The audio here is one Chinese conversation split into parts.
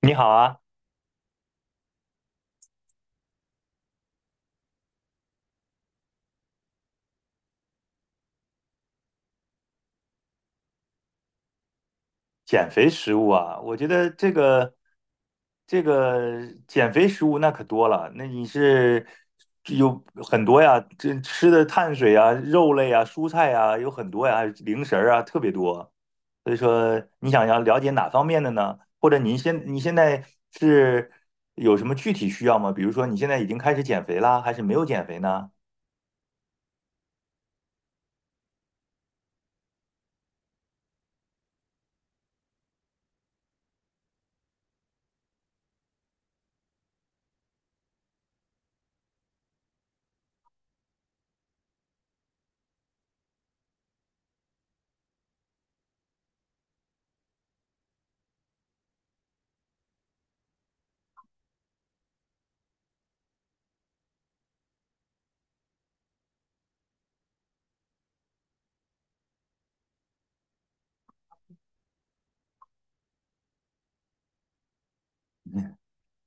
你好啊。减肥食物啊，我觉得这个减肥食物那可多了，那你是有很多呀，这吃的碳水啊、肉类啊、蔬菜啊有很多呀，还有零食儿啊特别多。所以说，你想要了解哪方面的呢？或者你现在是有什么具体需要吗？比如说你现在已经开始减肥啦，还是没有减肥呢？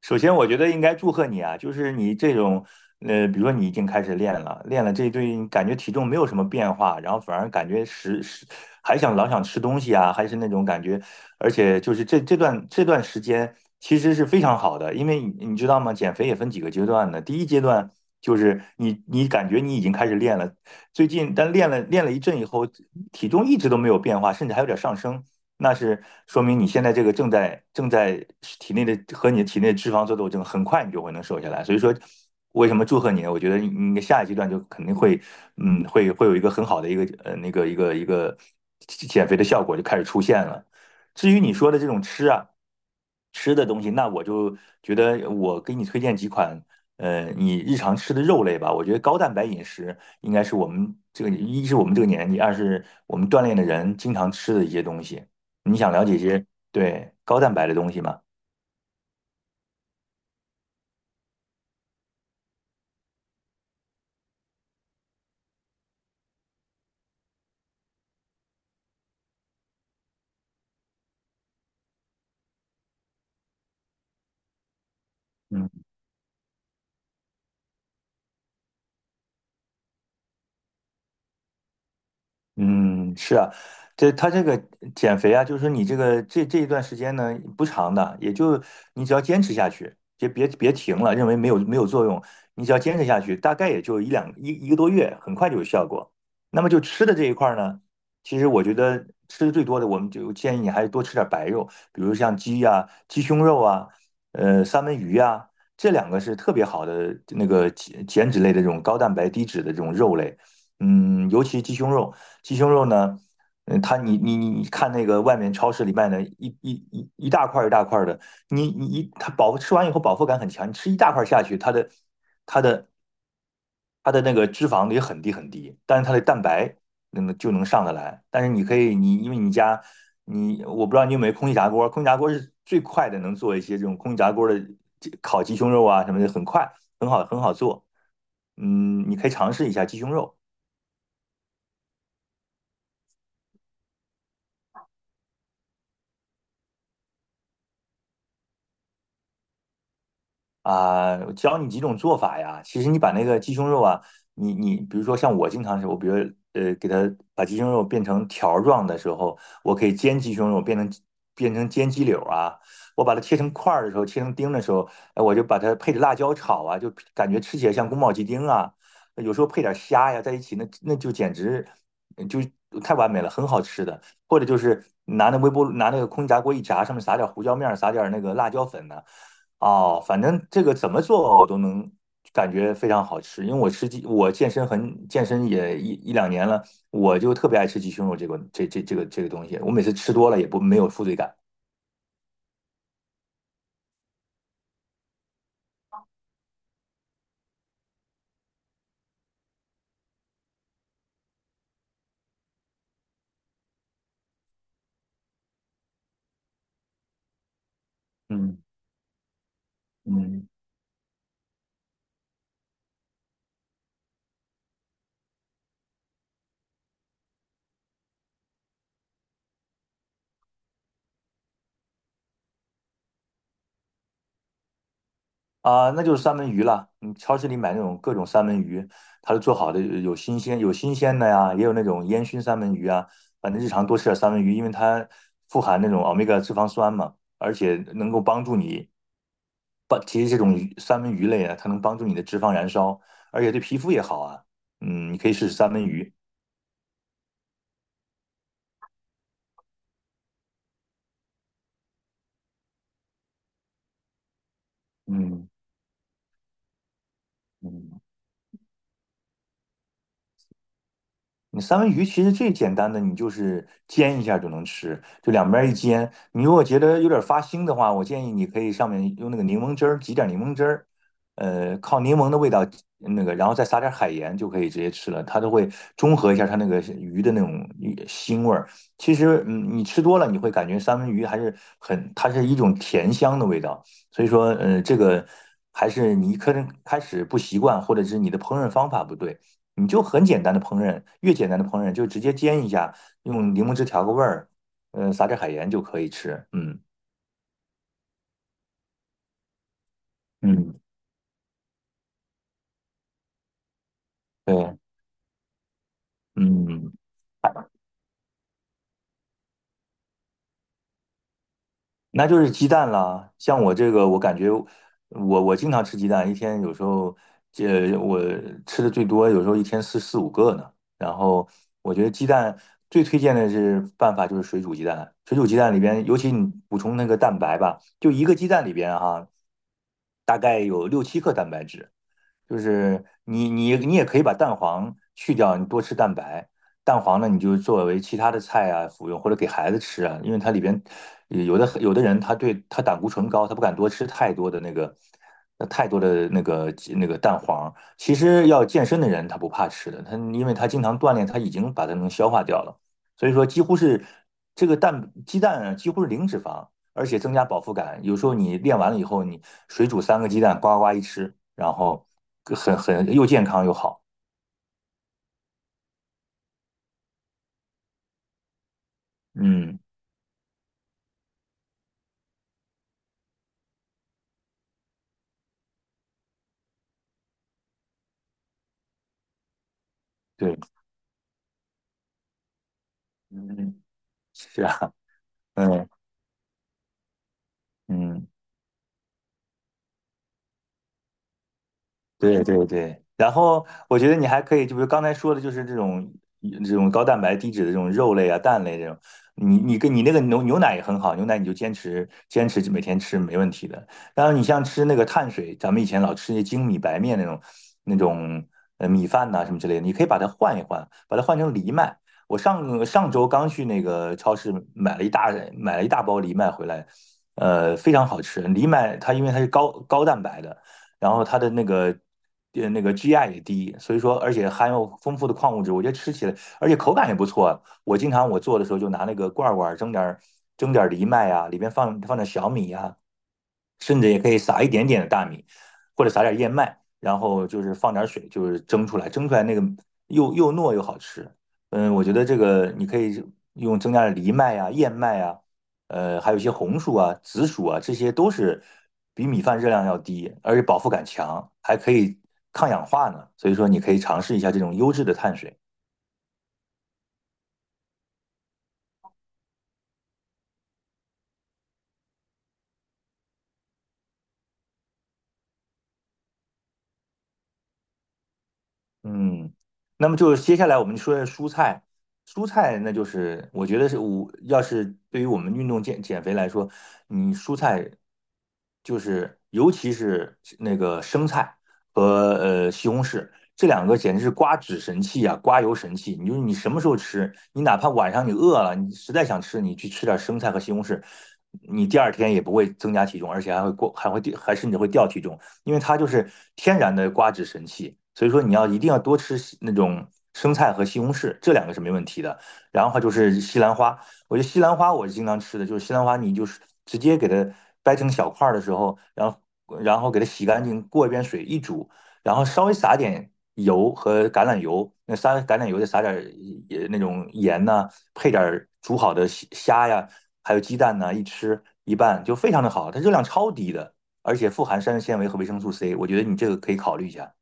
首先，我觉得应该祝贺你啊，就是你这种，比如说你已经开始练了，练了这一对，感觉体重没有什么变化，然后反而感觉还想老想吃东西啊，还是那种感觉，而且就是这段时间其实是非常好的，因为你知道吗？减肥也分几个阶段的，第一阶段就是你感觉你已经开始练了，最近但练了一阵以后，体重一直都没有变化，甚至还有点上升。那是说明你现在这个正在体内的和你的体内的脂肪做斗争，很快你就会能瘦下来。所以说，为什么祝贺你呢？我觉得你的下一阶段就肯定会，会有一个很好的一个那个一个减肥的效果就开始出现了。至于你说的这种吃啊，吃的东西，那我就觉得我给你推荐几款，你日常吃的肉类吧。我觉得高蛋白饮食应该是我们这个，一是我们这个年纪，二是我们锻炼的人经常吃的一些东西。你想了解一些对高蛋白的东西吗？嗯。嗯，是啊，这个减肥啊，就是说你这个这一段时间呢不长的，也就你只要坚持下去，别停了，认为没有作用，你只要坚持下去，大概也就一两一一个多月，很快就有效果。那么就吃的这一块儿呢，其实我觉得吃的最多的，我们就建议你还是多吃点白肉，比如像鸡呀、鸡胸肉啊，三文鱼呀、这两个是特别好的那个减脂类的这种高蛋白低脂的这种肉类。尤其鸡胸肉。鸡胸肉呢，它你看那个外面超市里卖的一一一一大块一大块的，你一它饱吃完以后饱腹感很强，你吃一大块下去，它的它的那个脂肪也很低很低，但是它的蛋白就能上得来。但是你可以你因为你家你我不知道你有没有空气炸锅，空气炸锅是最快的能做一些这种空气炸锅的烤鸡胸肉啊什么的，很快很好做。你可以尝试一下鸡胸肉。啊，我教你几种做法呀。其实你把那个鸡胸肉啊，你比如说像我经常是，我比如给它把鸡胸肉变成条儿状的时候，我可以煎鸡胸肉变成煎鸡柳啊。我把它切成块儿的时候，切成丁的时候，哎，我就把它配着辣椒炒啊，就感觉吃起来像宫保鸡丁啊。有时候配点虾呀在一起，那就简直就太完美了，很好吃的。或者就是拿那微波炉拿那个空气炸锅一炸，上面撒点胡椒面儿，撒点那个辣椒粉呢、哦，反正这个怎么做我都能感觉非常好吃，因为我吃鸡，我健身也一两年了，我就特别爱吃鸡胸肉这个东西，我每次吃多了也不没有负罪感。嗯嗯。啊，那就是三文鱼了。你超市里买那种各种三文鱼，它都做好的，有新鲜的呀，也有那种烟熏三文鱼啊。反正日常多吃点三文鱼，因为它富含那种欧米伽脂肪酸嘛，而且能够帮助你。其实这种三文鱼类啊，它能帮助你的脂肪燃烧，而且对皮肤也好啊。你可以试试三文鱼。嗯嗯。你三文鱼其实最简单的，你就是煎一下就能吃，就两边一煎。你如果觉得有点发腥的话，我建议你可以上面用那个柠檬汁儿挤点柠檬汁儿，靠柠檬的味道那个，然后再撒点海盐就可以直接吃了，它都会中和一下它那个鱼的那种鱼腥味儿。其实，你吃多了你会感觉三文鱼还是很，它是一种甜香的味道。所以说，这个还是你可能开始不习惯，或者是你的烹饪方法不对。你就很简单的烹饪，越简单的烹饪就直接煎一下，用柠檬汁调个味儿，撒点海盐就可以吃。嗯嗯，对，嗯。那就是鸡蛋啦。像我这个，我感觉我经常吃鸡蛋，一天有时候这我吃的最多，有时候一天四五个呢。然后我觉得鸡蛋最推荐的是办法就是水煮鸡蛋，水煮鸡蛋里边，尤其你补充那个蛋白吧，就一个鸡蛋里边哈、大概有六七克蛋白质。就是你也可以把蛋黄去掉，你多吃蛋白。蛋黄呢，你就作为其他的菜啊服用，或者给孩子吃啊，因为它里边有的人他胆固醇高，他不敢多吃太多的那个蛋黄。其实要健身的人他不怕吃的，他因为他经常锻炼，他已经把它能消化掉了。所以说几乎是这个鸡蛋啊，几乎是零脂肪。而且增加饱腹感。有时候你练完了以后，你水煮三个鸡蛋，呱呱一吃，然后又健康又好。嗯，对，嗯，是啊，嗯嗯。对对对，然后我觉得你还可以，就比如刚才说的，就是这种这种高蛋白、低脂的这种肉类啊、蛋类这种，你跟你那个牛奶也很好，牛奶你就坚持每天吃没问题的。然后你像吃那个碳水，咱们以前老吃那精米白面那种那种米饭呐、什么之类的，你可以把它换一换，把它换成藜麦。我上上周刚去那个超市买了一大包藜麦回来，非常好吃。藜麦它因为它是高蛋白的。然后它的那个那个 GI 也低，所以说而且含有丰富的矿物质，我觉得吃起来而且口感也不错。我经常我做的时候就拿那个罐罐蒸点儿藜麦啊，里边放点小米啊，甚至也可以撒一点点的大米，或者撒点燕麦，然后就是放点水，就是蒸出来，蒸出来那个又糯又好吃。我觉得这个你可以用增加的藜麦啊、燕麦啊，还有一些红薯啊、紫薯啊，这些都是比米饭热量要低，而且饱腹感强，还可以抗氧化呢。所以说，你可以尝试一下这种优质的碳水。嗯，那么就是接下来我们说蔬菜，蔬菜那就是我觉得是我要是对于我们运动减肥来说，你蔬菜就是尤其是那个生菜和西红柿，这两个简直是刮脂神器啊，刮油神器。你就是你什么时候吃，你哪怕晚上你饿了，你实在想吃，你去吃点生菜和西红柿，你第二天也不会增加体重，而且还会过还会掉还甚至会掉体重。因为它就是天然的刮脂神器，所以说你要一定要多吃那种生菜和西红柿，这两个是没问题的。然后还就是西兰花，我觉得西兰花我是经常吃的，就是西兰花你就是直接给它掰成小块儿的时候，然后给它洗干净，过一遍水一煮，然后稍微撒点油和橄榄油，那撒橄榄油再撒点儿那种盐呐、配点煮好的虾呀，还有鸡蛋呐、一吃一拌就非常的好，它热量超低的。而且富含膳食纤维和维生素 C,我觉得你这个可以考虑一下。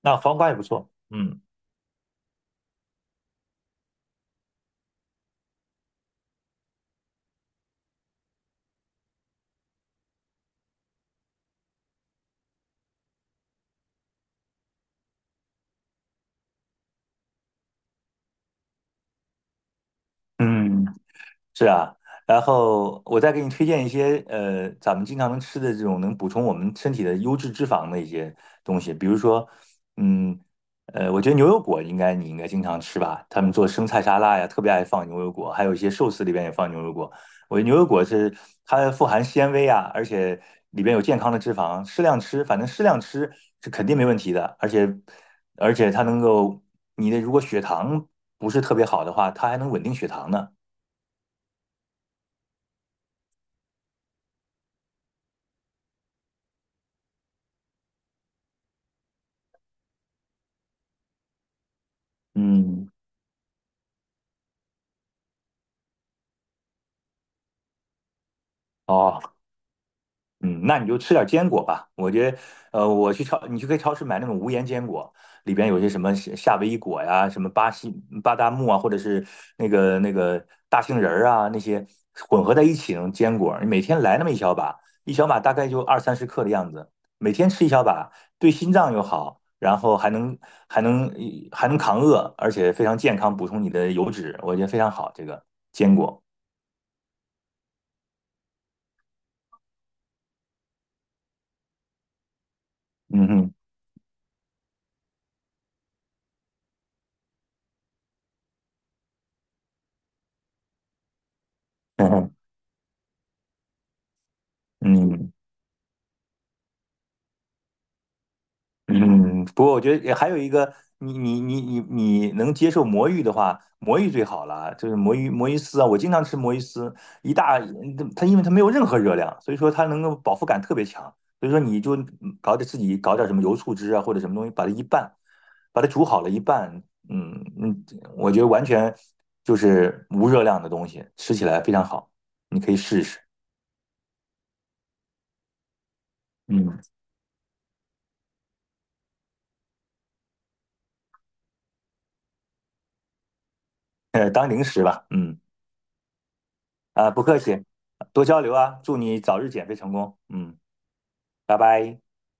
那黄瓜也不错，嗯嗯，是啊，然后我再给你推荐一些，咱们经常能吃的这种能补充我们身体的优质脂肪的一些东西，比如说，嗯，我觉得牛油果应该你应该经常吃吧，他们做生菜沙拉呀，特别爱放牛油果，还有一些寿司里边也放牛油果。我觉得牛油果是它富含纤维啊，而且里边有健康的脂肪，适量吃，反正适量吃是肯定没问题的，而且它能够你的如果血糖不是特别好的话，它还能稳定血糖呢。嗯。哦，嗯，那你就吃点坚果吧。我觉得，呃，我去超，你去可以超市买那种无盐坚果，里边有些什么夏威夷果呀，什么巴西巴旦木啊，或者是那个大杏仁儿啊，那些混合在一起那种坚果，你每天来那么一小把，一小把大概就20到30克的样子，每天吃一小把，对心脏又好，然后还能还能扛饿，而且非常健康，补充你的油脂，我觉得非常好。这个坚果，嗯哼，嗯哼，嗯。嗯，不过我觉得也还有一个，你能接受魔芋的话，魔芋最好了，就是魔芋丝啊，我经常吃魔芋丝，一大嗯它因为它没有任何热量，所以说它能够饱腹感特别强，所以说你就搞点什么油醋汁啊或者什么东西，把它一拌，把它煮好了一拌，嗯嗯，我觉得完全就是无热量的东西，吃起来非常好，你可以试一试，嗯，当零食吧，嗯。啊，不客气，多交流啊，祝你早日减肥成功。嗯，拜拜。